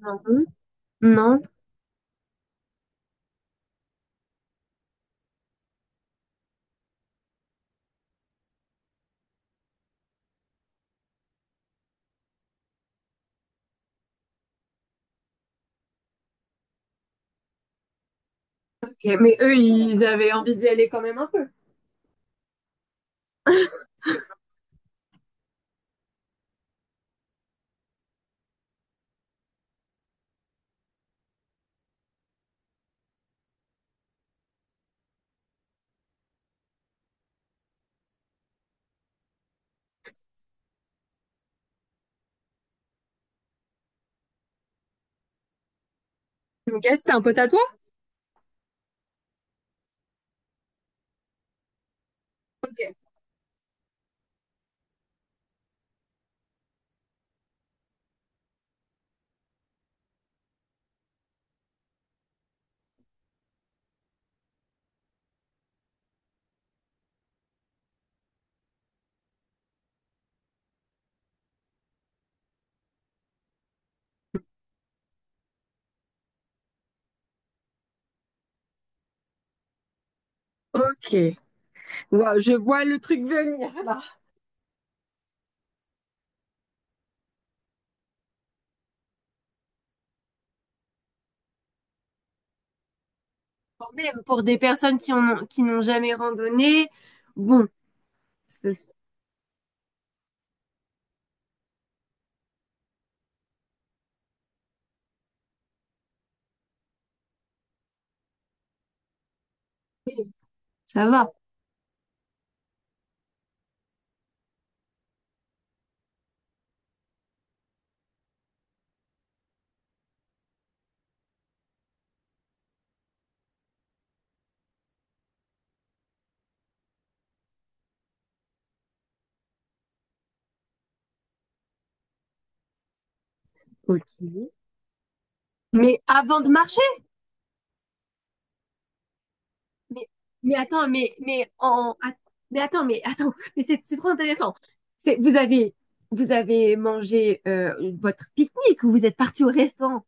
Non plus. Non. Ok, mais eux, ils avaient envie d'y aller quand même un peu. Ok, c'était un pote à toi? Ok. Ok. Wow, je vois le truc venir là. Bon, même pour des personnes qui en ont, qui n'ont jamais randonné, bon, ça, ça va. Ok. Mais avant de marcher, mais, mais attends, mais en, att- mais attends, mais attends, mais c'est trop intéressant. C'est, vous avez mangé votre pique-nique ou vous êtes parti au restaurant?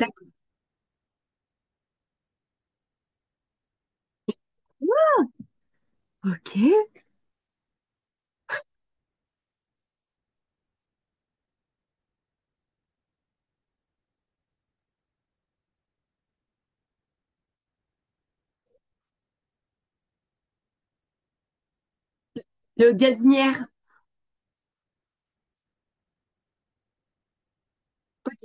D'accord. Ok. Le gazinière. Ok.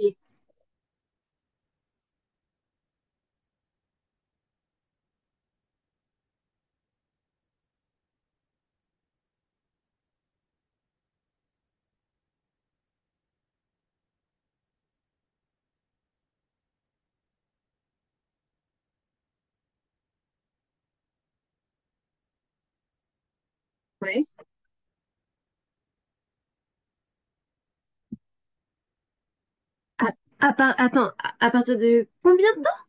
Ouais. À, à partir de combien de temps?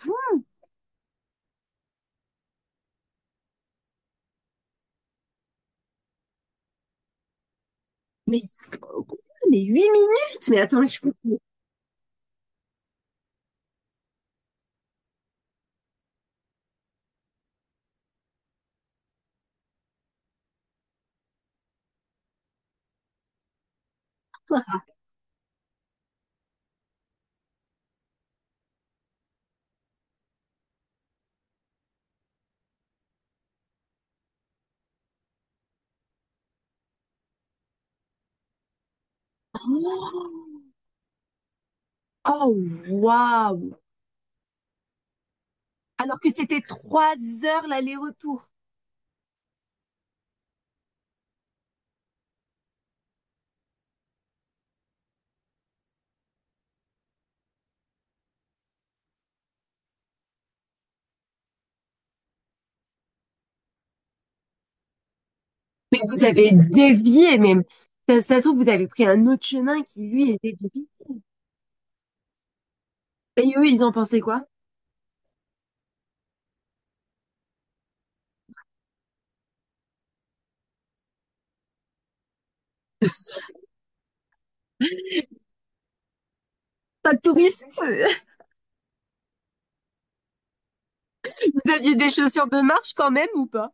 Quoi? Mais, quoi, mais 8 minutes? Mais attends, je comprends pas. Oh, oh, waouh! Alors que c'était 3 heures l'aller-retour. Mais vous avez dévié même. Ça se trouve, vous avez pris un autre chemin qui, lui, était difficile. Et eux, ils en pensaient quoi? Pas de touristes? Vous aviez des chaussures de marche quand même ou pas?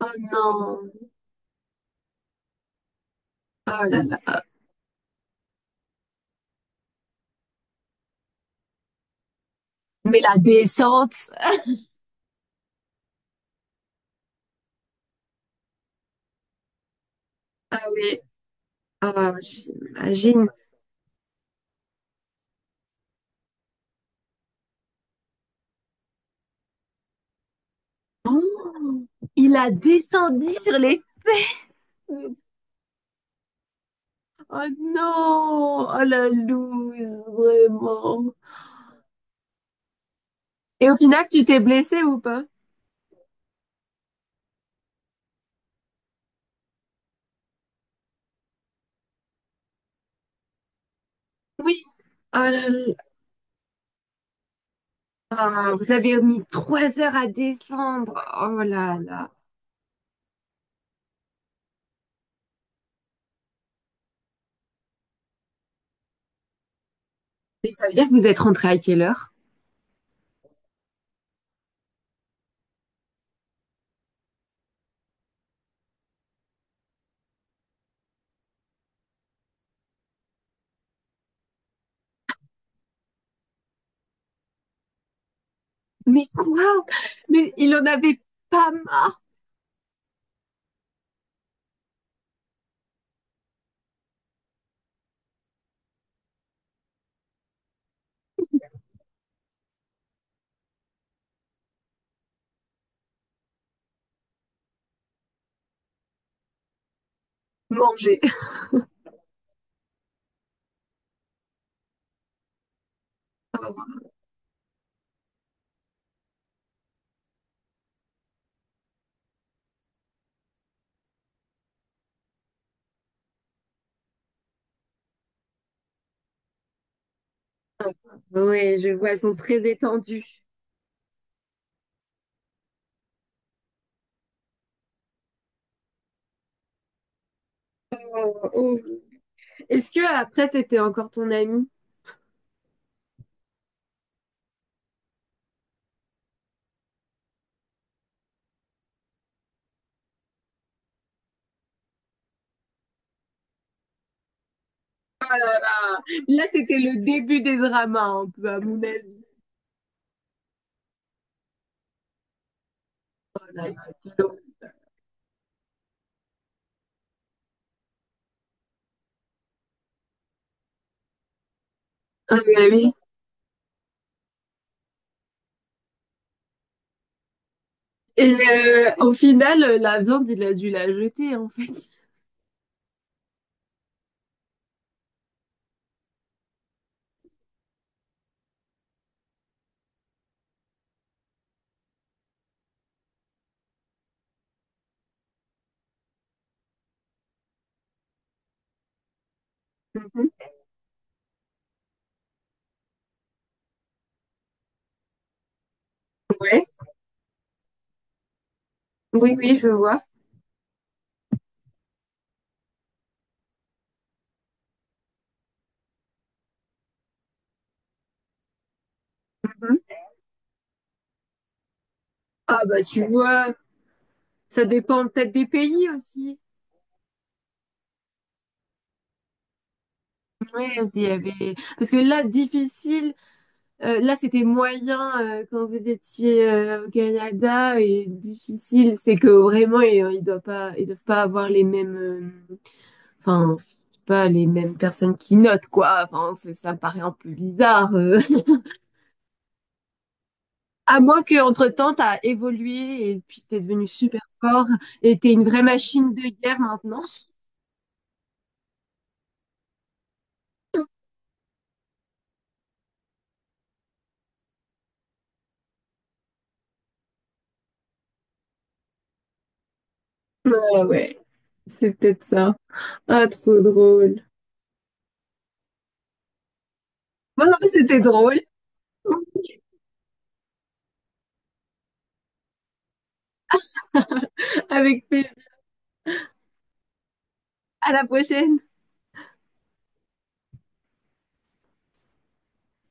Oh non! Oh là là! Mais la descente, ah oui! Ah, j'imagine. Oh, il a descendu sur les feux. Oh non! Oh la loose, vraiment. Et au final, tu t'es blessé ou pas? Oui. Oh là là. Ah, vous avez mis trois heures à descendre. Oh là là. Mais ça veut dire que vous êtes rentré à quelle heure? Mais quoi? Mais il en avait pas marre. Manger. Ouais, je vois, elles sont très étendues. Oh, oh. Est-ce que après, c'était encore ton ami? Là, c'était le début des dramas, un peu, à mon avis. La Nutella. Ah bah oui. Et au final, la viande, il a dû la jeter, en fait. Mhm. Ouais. Oui, oui, je vois. Ah bah tu vois, ça dépend peut-être des pays aussi. Ouais, s'il y avait... Parce que là, difficile, là c'était moyen quand vous étiez au Canada et difficile, c'est que vraiment et, ils doivent pas avoir les mêmes, enfin, je sais pas les mêmes personnes qui notent quoi. Enfin, c'est- ça me paraît un peu bizarre. À moins qu'entre-temps, t'as évolué et puis t'es devenu super fort et t'es une vraie machine de guerre maintenant. Ah ouais, c'est peut-être ça. Ah, trop drôle. Bon, non, mais c'était drôle. Avec plaisir. À la prochaine.